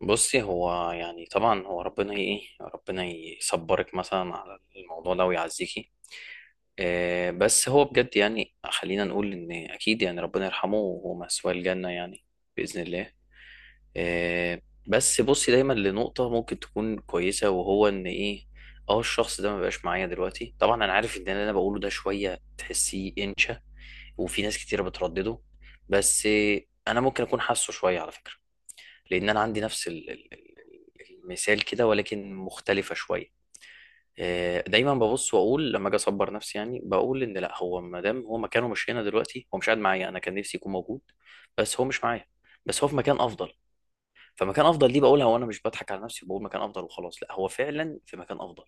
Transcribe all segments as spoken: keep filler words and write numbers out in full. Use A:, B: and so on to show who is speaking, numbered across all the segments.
A: بصي، هو يعني طبعا هو ربنا ي- ايه ربنا يصبرك مثلا على الموضوع ده ويعزيكي. آه، بس هو بجد يعني خلينا نقول ان اكيد يعني ربنا يرحمه وهو مثواه الجنة يعني. بإذن الله. آه. بس بصي دايما لنقطة ممكن تكون كويسة وهو ان ايه، اه الشخص ده ما بقاش معايا دلوقتي. طبعا انا عارف ان اللي انا بقوله ده شوية تحسيه انشا، وفي ناس كتيرة بتردده. بس آه، انا ممكن اكون حاسه شوية على فكرة. لان انا عندي نفس ال- ال- ال- المثال كده ولكن مختلفه شويه. آه، دايما ببص واقول لما اجي اصبر نفسي، يعني بقول ان لا، هو ما دام هو مكانه مش هنا دلوقتي، هو مش قاعد معايا، انا كان نفسي يكون موجود. بس هو مش معايا. بس هو في مكان افضل. فمكان افضل دي بقولها وانا مش بضحك على نفسي، بقول مكان افضل وخلاص. لا، هو فعلا في مكان افضل.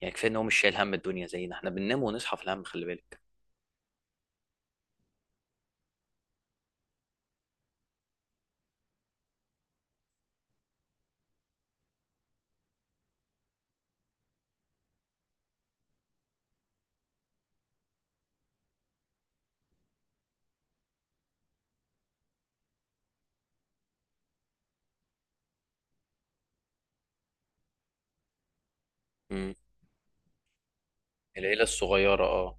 A: يعني كفايه ان هو مش شايل هم الدنيا زينا، احنا بننام ونصحى في الهم، خلي بالك. امم. العيله الصغيره، اه.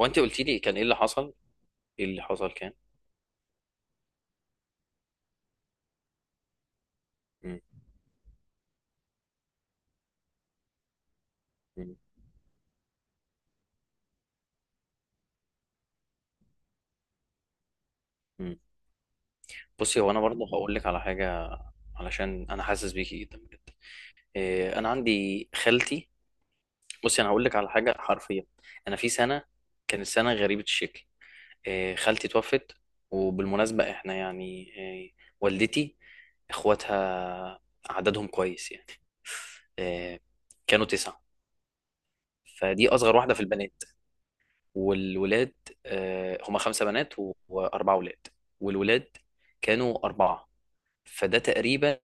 A: هو انت قلتي لي كان ايه اللي حصل؟ ايه اللي حصل كان؟ امم. بصي، هو انا برضه هقول لك على حاجه، علشان انا حاسس بيكي جدا بجد. إيه، انا عندي خالتي. بصي، انا هقول لك على حاجه حرفيا. انا في سنه، كانت سنه غريبه الشكل. إيه، خالتي توفت. وبالمناسبه احنا يعني إيه، والدتي، اخواتها عددهم كويس يعني. إيه، كانوا تسعه. فدي اصغر واحده في البنات والولاد. آه، هما خمسه بنات و- واربعه ولاد. والولاد كانوا اربعه. فده تقريبا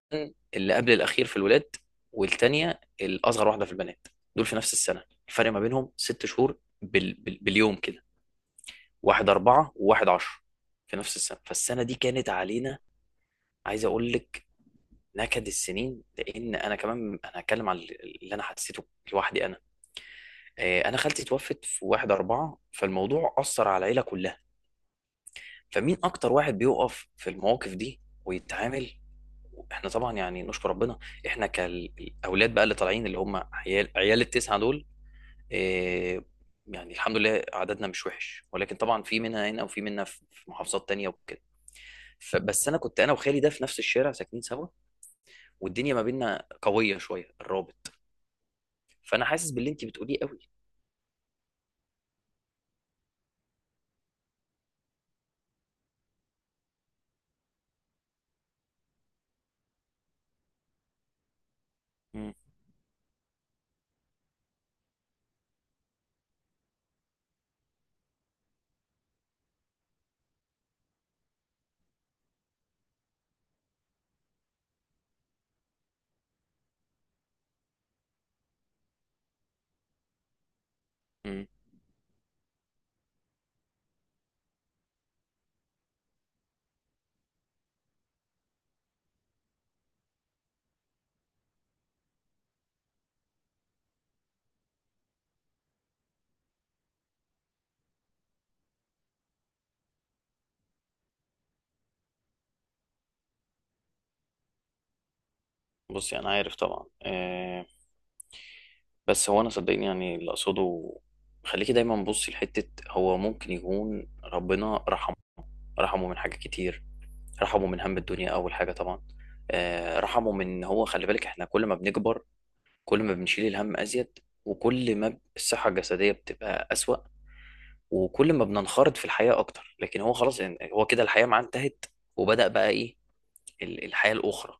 A: اللي قبل الاخير في الولاد، والتانية الاصغر واحده في البنات. دول في نفس السنه، الفرق ما بينهم ست شهور بال... بال... باليوم كده. واحد أربعة وواحد عشرة، في نفس السنه. فالسنه دي كانت علينا، عايز اقول لك، نكد السنين. لان انا كمان، انا هتكلم عن اللي انا حسيته لوحدي انا. آه، انا خالتي توفت في واحد أربعة، فالموضوع اثر على العيله كلها. فمين اكتر واحد بيقف في المواقف دي ويتعامل؟ احنا طبعا يعني نشكر ربنا، احنا كالاولاد بقى اللي طالعين، اللي هم عيال عيال التسعه دول. إيه، يعني الحمد لله عددنا مش وحش، ولكن طبعا في منها هنا وفي منها في في محافظات تانية وكده. فبس انا كنت انا وخالي ده في نفس الشارع ساكنين سوا، والدنيا ما بيننا قويه شويه الرابط. فانا حاسس باللي انت بتقوليه قوي. امم امم بصي، انا عارف طبعا إيه. بس هو انا صدقني يعني اللي اقصده، خليكي دايما بصي لحته هو ممكن يكون ربنا رحمه. رحمه من حاجات كتير. رحمه من هم الدنيا اول حاجه طبعا. آه، رحمه من إن هو، خلي بالك، احنا كل ما بنكبر كل ما بنشيل الهم ازيد، وكل ما الصحه الجسديه بتبقى اسوأ، وكل ما بننخرط في الحياه اكتر. لكن هو خلاص يعني هو كده الحياه معاه انتهت، وبدأ بقى ايه، ال- الحياه الاخرى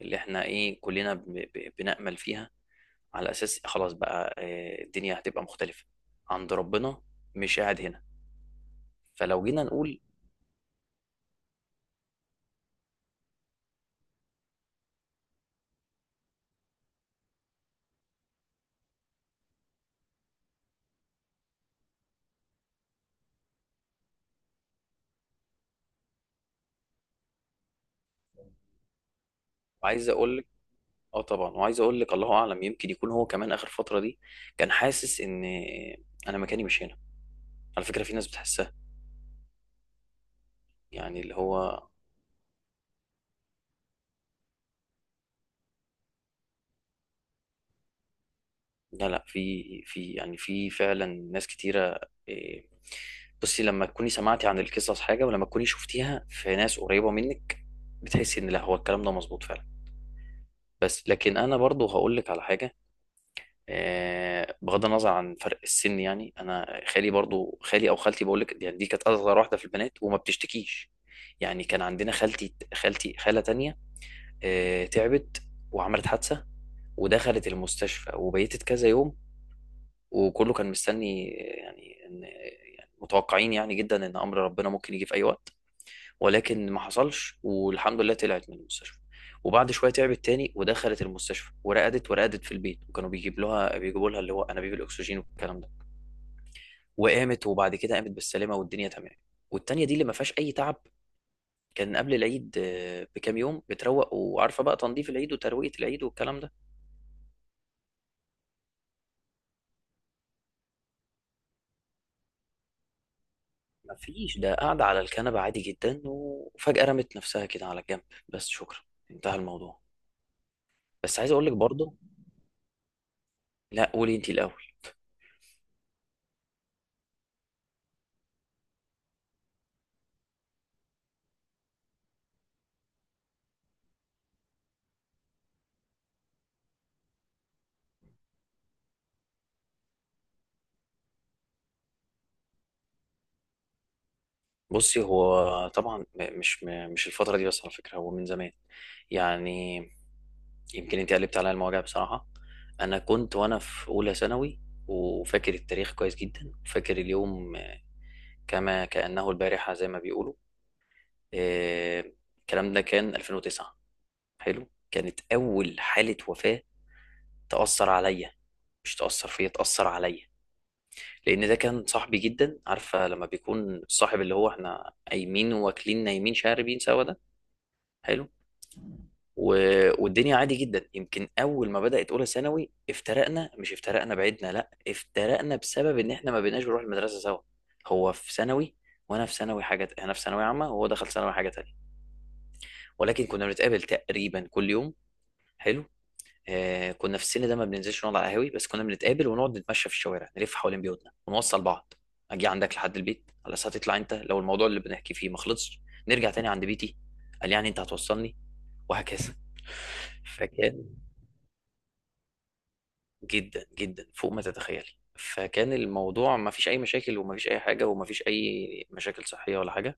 A: اللي احنا ايه كلنا بن- ب- بنأمل فيها. على اساس خلاص بقى، آه، الدنيا هتبقى مختلفه، عند ربنا، مش قاعد هنا. فلو جينا نقول، عايز اقول، اه طبعا، وعايز اقول لك الله اعلم، يمكن يكون هو كمان اخر فتره دي كان حاسس ان انا مكاني مش هنا. على فكره في ناس بتحسها، يعني اللي هو، لا لا، في في يعني في، فعلا ناس كتيره. إيه، بصي لما تكوني سمعتي عن القصص حاجه، ولما تكوني شفتيها في ناس قريبه منك، بتحسي ان لا، هو الكلام ده مظبوط فعلا. بس لكن انا برضو هقول لك على حاجه. آه، بغض النظر عن فرق السن، يعني انا خالي برضو، خالي او خالتي بقول لك، يعني دي كانت اصغر واحده في البنات وما بتشتكيش. يعني كان عندنا خالتي، خالتي خاله تانية، آه، تعبت وعملت حادثه ودخلت المستشفى وبيتت كذا يوم. وكله كان مستني، آه، يعني ان يعني متوقعين يعني جدا ان امر ربنا ممكن يجي في اي وقت. ولكن ما حصلش والحمد لله طلعت من المستشفى. وبعد شويه تعبت تاني ودخلت المستشفى ورقدت، ورقدت في البيت وكانوا بيجيب لها بيجيبوا لها اللي هو انابيب الاكسجين والكلام ده. وقامت، وبعد كده قامت بالسلامه والدنيا تمام. والتانيه دي اللي ما فيهاش اي تعب، كان قبل العيد، آه، بكام يوم، بتروق، وعارفه بقى تنظيف العيد وترويقه العيد والكلام ده. ما فيش، ده قاعده على الكنبه عادي جدا وفجاه رمت نفسها كده على الجنب. بس شكرا، انتهى الموضوع. بس عايز اقول لك برضه. لا، قولي انت الاول. بصي، هو طبعا م- مش م- مش الفترة دي بس، على فكرة هو من زمان. يعني يمكن انت قلبت عليا المواجع بصراحة. انا كنت وانا في اولى ثانوي، وفاكر التاريخ كويس جدا وفاكر اليوم كما كأنه البارحة زي ما بيقولوا. آه، الكلام ده كان الألفين وتسعة. حلو، كانت اول حالة وفاة تأثر عليا. مش تأثر فيا، تأثر عليا. لأن ده كان صاحبي جدا، عارفة لما بيكون صاحب اللي هو احنا قايمين واكلين نايمين شاربين سوا ده. حلو. و- والدنيا عادي جدا. يمكن اول ما بدات اولى ثانوي افترقنا، مش افترقنا بعيدنا، لا، افترقنا بسبب ان احنا ما بقيناش بنروح المدرسه سوا. هو في ثانوي وانا في ثانوي حاجه، انا في ثانوي عامه وهو دخل ثانوي حاجه تانية. ولكن كنا بنتقابل تقريبا كل يوم. حلو. آه، كنا في السن ده ما بننزلش نقعد على قهاوي، بس كنا بنتقابل ونقعد نتمشى في الشوارع نلف حوالين بيوتنا ونوصل بعض. اجي عندك لحد البيت على اساس هتطلع انت، لو الموضوع اللي بنحكي فيه ما خلصش نرجع تاني عند بيتي. قال يعني انت هتوصلني؟ وهكذا. فكان جدا جدا فوق ما تتخيلي. فكان الموضوع ما فيش اي مشاكل وما فيش اي حاجه وما فيش اي مشاكل صحيه ولا حاجه.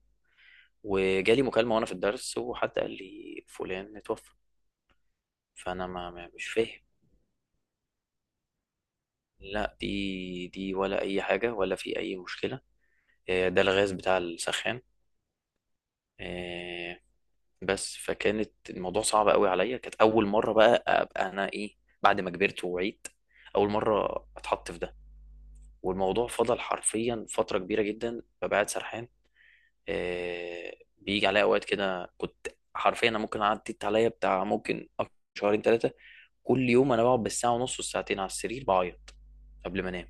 A: وجالي مكالمه وانا في الدرس وحد قال لي فلان اتوفى. فانا ما ما- مش فاهم، لا، دي دي ولا اي حاجه ولا في اي مشكله. آه، ده الغاز بتاع السخان. آه، بس فكانت الموضوع صعب قوي عليا. كانت اول مره بقى ابقى انا ايه، بعد ما كبرت ووعيت، اول مره اتحط في ده. والموضوع فضل حرفيا فتره كبيره جدا ببقى قاعد سرحان. آه، بيجي عليا اوقات كده كنت حرفيا، انا ممكن عدت عليا بتاع ممكن أكتر شهرين ثلاثه، كل يوم انا بقعد بالساعه ونص والساعتين على السرير بعيط قبل ما انام.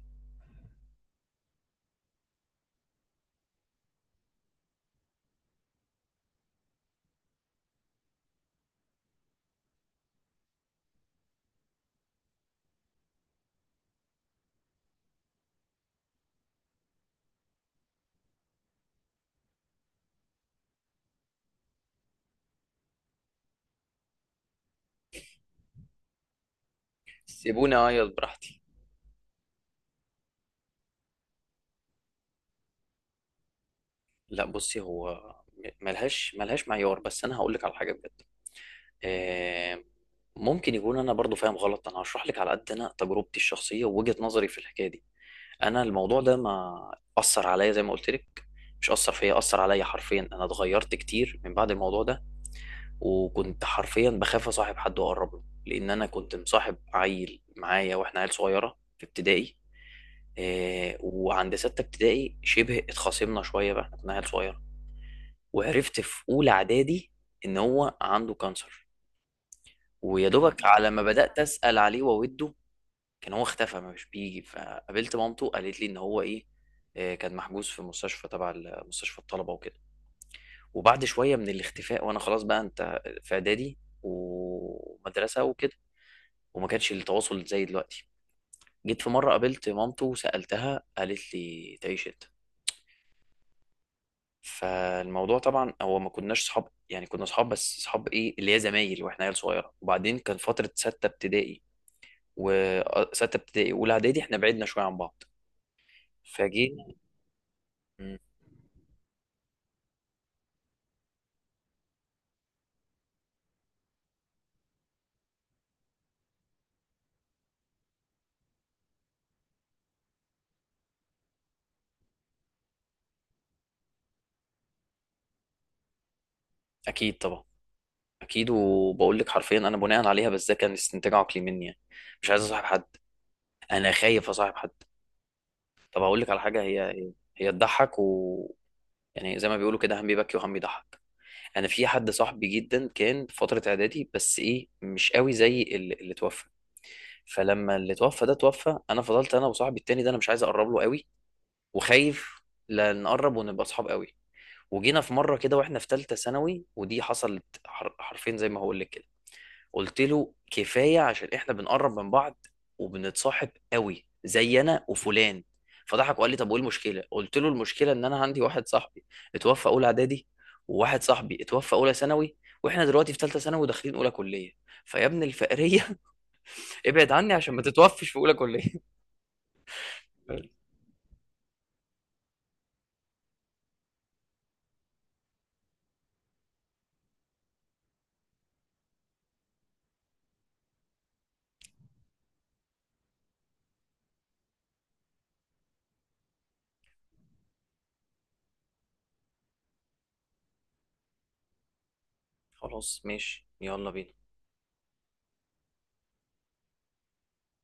A: سيبوني اعيط براحتي. لا، بصي هو م- ملهاش ملهاش معيار، بس انا هقول لك على حاجه بجد. آه، ممكن يكون انا برضو فاهم غلط. انا هشرح لك على قد انا تجربتي الشخصيه ووجهه نظري في الحكايه دي. انا الموضوع ده ما اثر عليا زي ما قلت لك، مش اثر فيا، اثر عليا. حرفيا انا اتغيرت كتير من بعد الموضوع ده. وكنت حرفيا بخاف اصاحب حد واقرب له، لان انا كنت مصاحب عيل معايا واحنا عيل صغيره في ابتدائي. آه، وعند سته ابتدائي شبه اتخاصمنا شويه بقى، احنا كنا عيل صغيره. وعرفت في اولى اعدادي ان هو عنده كانسر. ويا دوبك على ما بدات اسال عليه واوده، كان هو اختفى، ما مش بيجي، فقابلت مامته قالت لي ان هو ايه، آه، كان محجوز في مستشفى تبع ال- مستشفى الطلبه وكده. وبعد شويه من الاختفاء وانا خلاص بقى انت في اعدادي ومدرسه وكده، وما كانش التواصل زي دلوقتي. جيت في مرة قابلت مامته وسألتها، قالت لي تعيش انت. فالموضوع طبعا هو ما كناش صحاب، يعني كنا صحاب بس صحاب ايه اللي هي زمايل، واحنا عيال صغيرة. وبعدين كان فترة ستة ابتدائي، وستة ابتدائي اولى اعدادي احنا بعدنا شوية عن بعض. فجينا. مم. اكيد طبعا. اكيد، وبقول لك حرفيا انا بناء عليها، بس ده كان استنتاج عقلي مني يعني. مش عايز اصاحب حد، انا خايف اصاحب حد. طب هقول لك على حاجه، هي، هي تضحك، و يعني زي ما بيقولوا كده هم بيبكي وهم بيضحك. انا في حد صاحبي جدا كان في فتره اعدادي، بس ايه مش قوي زي اللي, اللي توفى. فلما اللي توفى ده توفى، انا فضلت انا وصاحبي التاني ده، انا مش عايز اقرب له قوي، وخايف لا نقرب ونبقى اصحاب قوي. وجينا في مره كده واحنا في ثالثه ثانوي، ودي حصلت حر- حرفيا زي ما هقول لك. قلت له كفايه، عشان احنا بنقرب من بعض وبنتصاحب قوي زي انا وفلان. فضحك وقال لي طب وايه المشكله، قلت له المشكله ان انا عندي واحد صاحبي اتوفى اولى اعدادي، وواحد صاحبي اتوفى اولى ثانوي، واحنا دلوقتي في ثالثه ثانوي وداخلين اولى كليه، فيا ابن الفقريه ابعد عني عشان ما تتوفش في اولى كليه. خلاص ماشي، يلا بينا.